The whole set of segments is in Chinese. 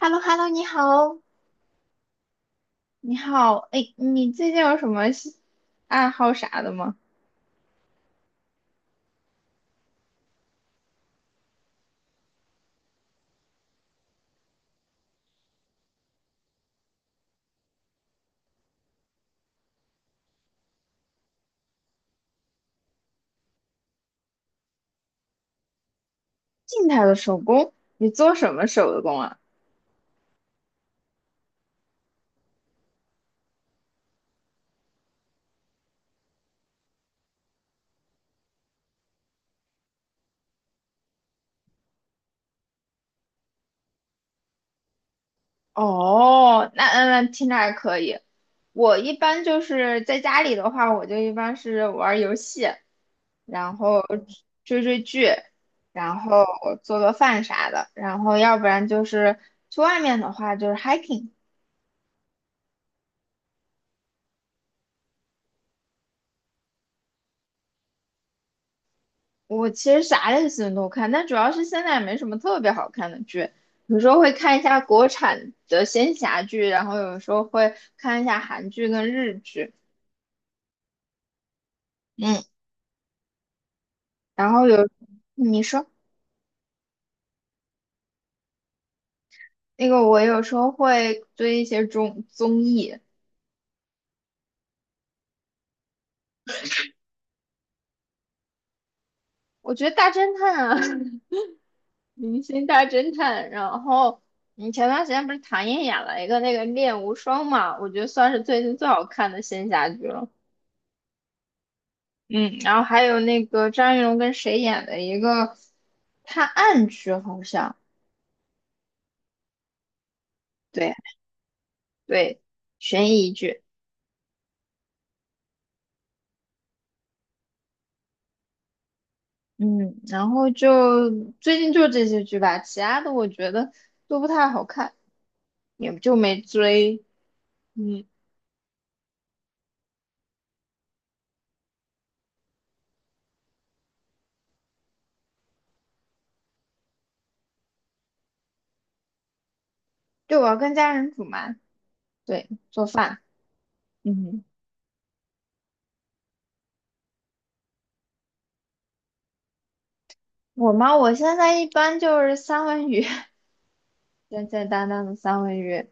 h e l l o h e l l o 你好。你好，哎，你最近有什么爱好啥的吗？静态的手工，你做什么手工啊？哦，那听着还可以。我一般就是在家里的话，我就一般是玩儿游戏，然后追追剧，然后做做饭啥的，然后要不然就是去外面的话就是 hiking。我其实啥类型都看，但主要是现在也没什么特别好看的剧，有时候会看一下国产的仙侠剧，然后有时候会看一下韩剧跟日剧。嗯，然后有，你说那个我有时候会追一些综艺。我觉得大侦探啊，明星大侦探，然后你前段时间不是唐嫣演了一个那个《恋无双》嘛，我觉得算是最近最好看的仙侠剧了。嗯，然后还有那个张云龙跟谁演的一个探案剧，好像对对，悬疑剧。嗯，然后最近就这些剧吧，其他的我觉得都不太好看，也就没追。嗯，对，我要跟家人煮嘛，对，做饭。嗯，我现在一般就是三文鱼，简简单单的三文鱼。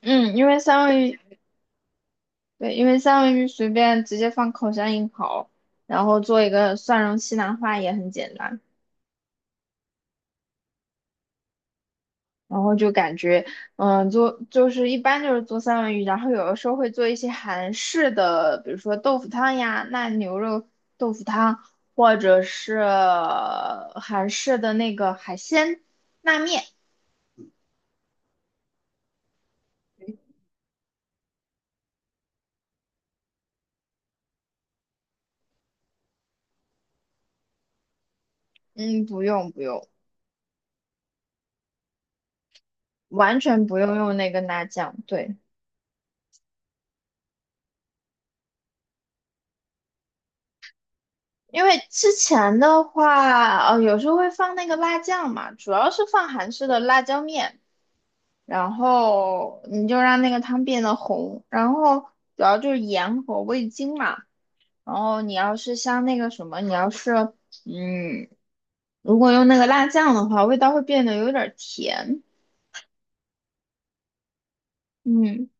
嗯，因为三文鱼对，因为三文鱼随便直接放烤箱一烤，然后做一个蒜蓉西兰花也很简单。然后就感觉，嗯，做就是一般就是做三文鱼，然后有的时候会做一些韩式的，比如说豆腐汤呀、那牛肉豆腐汤，或者是韩式的那个海鲜拉面。嗯，不用不用，完全不用用那个辣酱。对。因为之前的话，有时候会放那个辣酱嘛，主要是放韩式的辣椒面，然后你就让那个汤变得红，然后主要就是盐和味精嘛。然后你要是像那个什么，你要是嗯，如果用那个辣酱的话，味道会变得有点儿甜。嗯。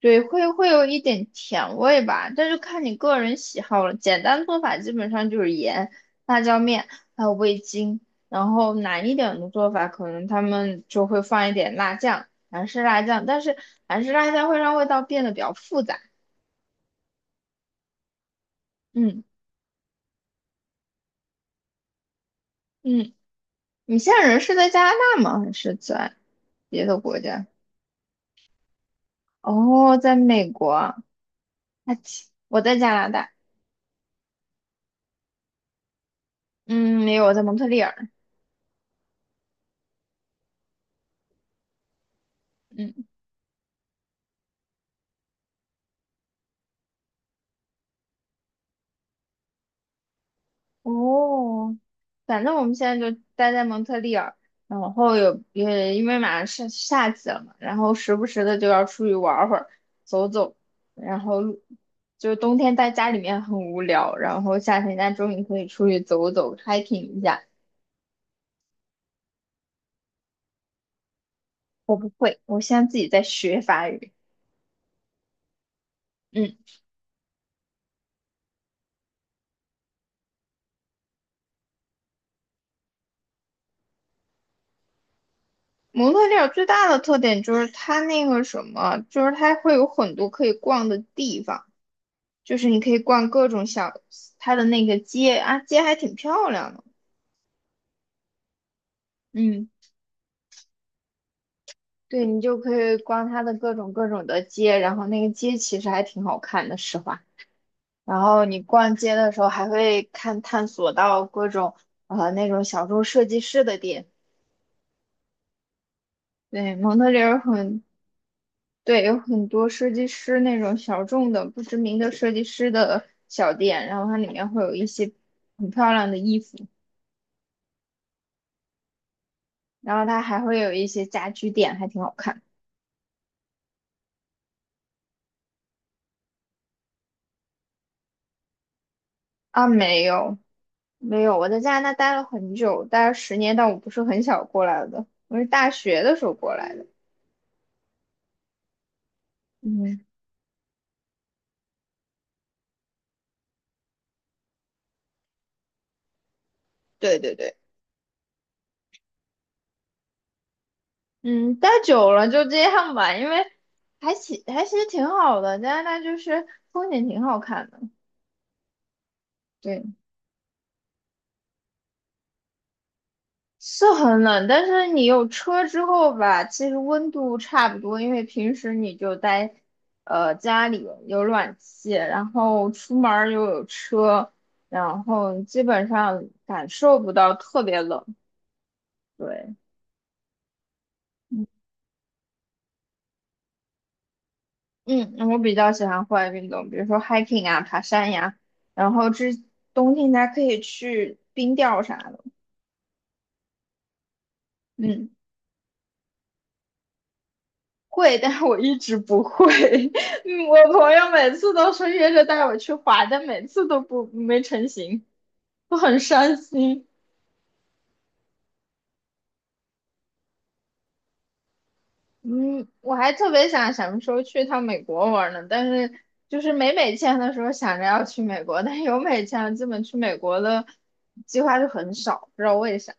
对，会有一点甜味吧，但是看你个人喜好了。简单做法基本上就是盐、辣椒面，还有味精。然后难一点的做法，可能他们就会放一点辣酱，韩式辣酱。但是韩式辣酱会让味道变得比较复杂。嗯嗯，你现在人是在加拿大吗？还是在别的国家？哦，在美国。啊，我在加拿大。嗯，没有，我在蒙特利尔。嗯。哦，反正我们现在就待在蒙特利尔，然后也因为马上是夏季了嘛，然后时不时的就要出去玩会儿，走走，然后就冬天在家里面很无聊，然后夏天家终于可以出去走走，hiking 一下。我不会，我现在自己在学法语。嗯，蒙特利尔最大的特点就是它那个什么，就是它会有很多可以逛的地方。就是你可以逛各种小，它的那个街啊，街还挺漂亮的。嗯，对，你就可以逛它的各种各种的街，然后那个街其实还挺好看的，实话。然后你逛街的时候还会看探索到各种那种小众设计师的店，对，蒙特利尔很，对，有很多设计师那种小众的、不知名的设计师的小店，然后它里面会有一些很漂亮的衣服，然后它还会有一些家居店，还挺好看的。啊，没有没有，我在加拿大待了很久，待了10年，但我不是很小过来的，我是大学的时候过来的。嗯，对对对，嗯，待久了就这样吧，因为还其还其实挺好的，加拿大就是风景挺好看的。对。是很冷，但是你有车之后吧，其实温度差不多，因为平时你就待，家里有暖气，然后出门儿又有车，然后基本上感受不到特别冷。对，嗯，我比较喜欢户外运动，比如说 hiking 啊，爬山呀，然后冬天还可以去冰钓啥的。嗯。会，但是我一直不会。嗯，我朋友每次都说约着带我去滑，但每次都不没成行，都很伤心。嗯，我还特别想什么时候去趟美国玩呢，但是就是没美签的时候想着要去美国，但是有美签了基本去美国的计划就很少，不知道为啥。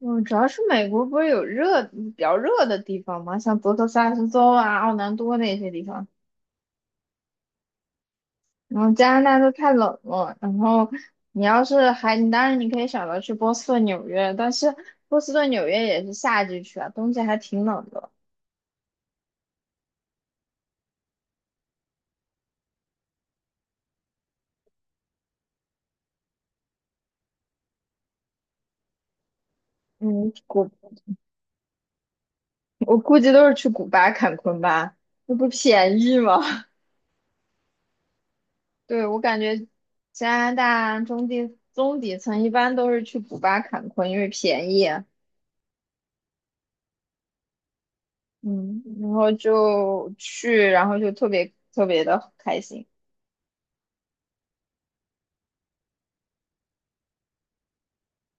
嗯，主要是美国不是有热比较热的地方吗？像德克萨斯州啊、奥兰多那些地方。然后加拿大都太冷了，然后你要是还，你当然你可以选择去波士顿、纽约，但是波士顿、纽约也是夏季去啊，冬季还挺冷的。嗯，我估计都是去古巴、坎昆吧，那不便宜吗？对，我感觉加拿大中底层一般都是去古巴、坎昆，因为便宜啊。嗯，然后就去，然后就特别特别的开心。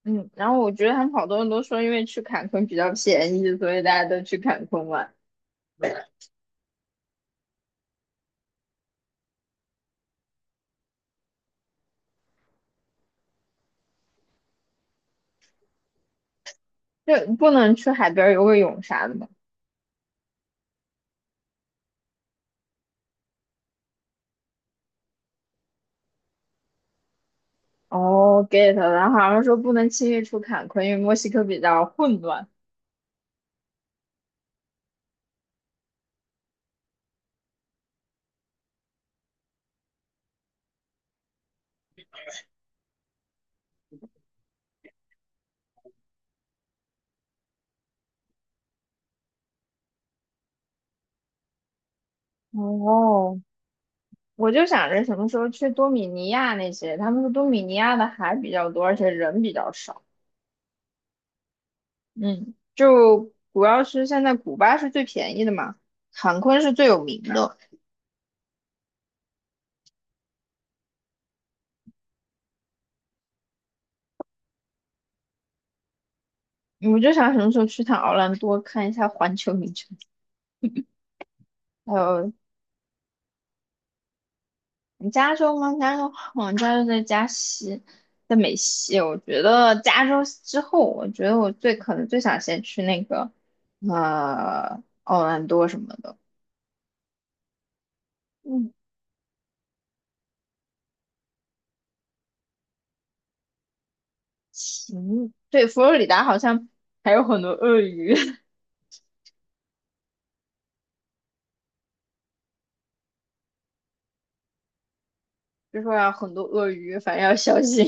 嗯，然后我觉得他们好多人都说，因为去坎昆比较便宜，所以大家都去坎昆玩。就不能去海边游个泳啥的吗？哦，get 了。然后好像说不能轻易出坎昆，因为墨西哥比较混乱。哦，我就想着什么时候去多米尼亚那些，他们说多米尼亚的海比较多，而且人比较少。嗯，就主要是现在古巴是最便宜的嘛，坎昆是最有名的。我就想什么时候去趟奥兰多看一下环球影城，还有你加州吗？加州在加西，在美西。我觉得加州之后，我觉得我最可能最想先去那个，奥兰多什么的。嗯，行，对，佛罗里达好像还有很多鳄鱼，就说要很多鳄鱼，反正要小心。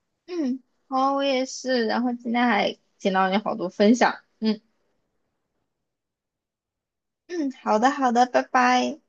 嗯，好，我也是。然后今天还听到你好多分享。嗯嗯，好的好的，拜拜。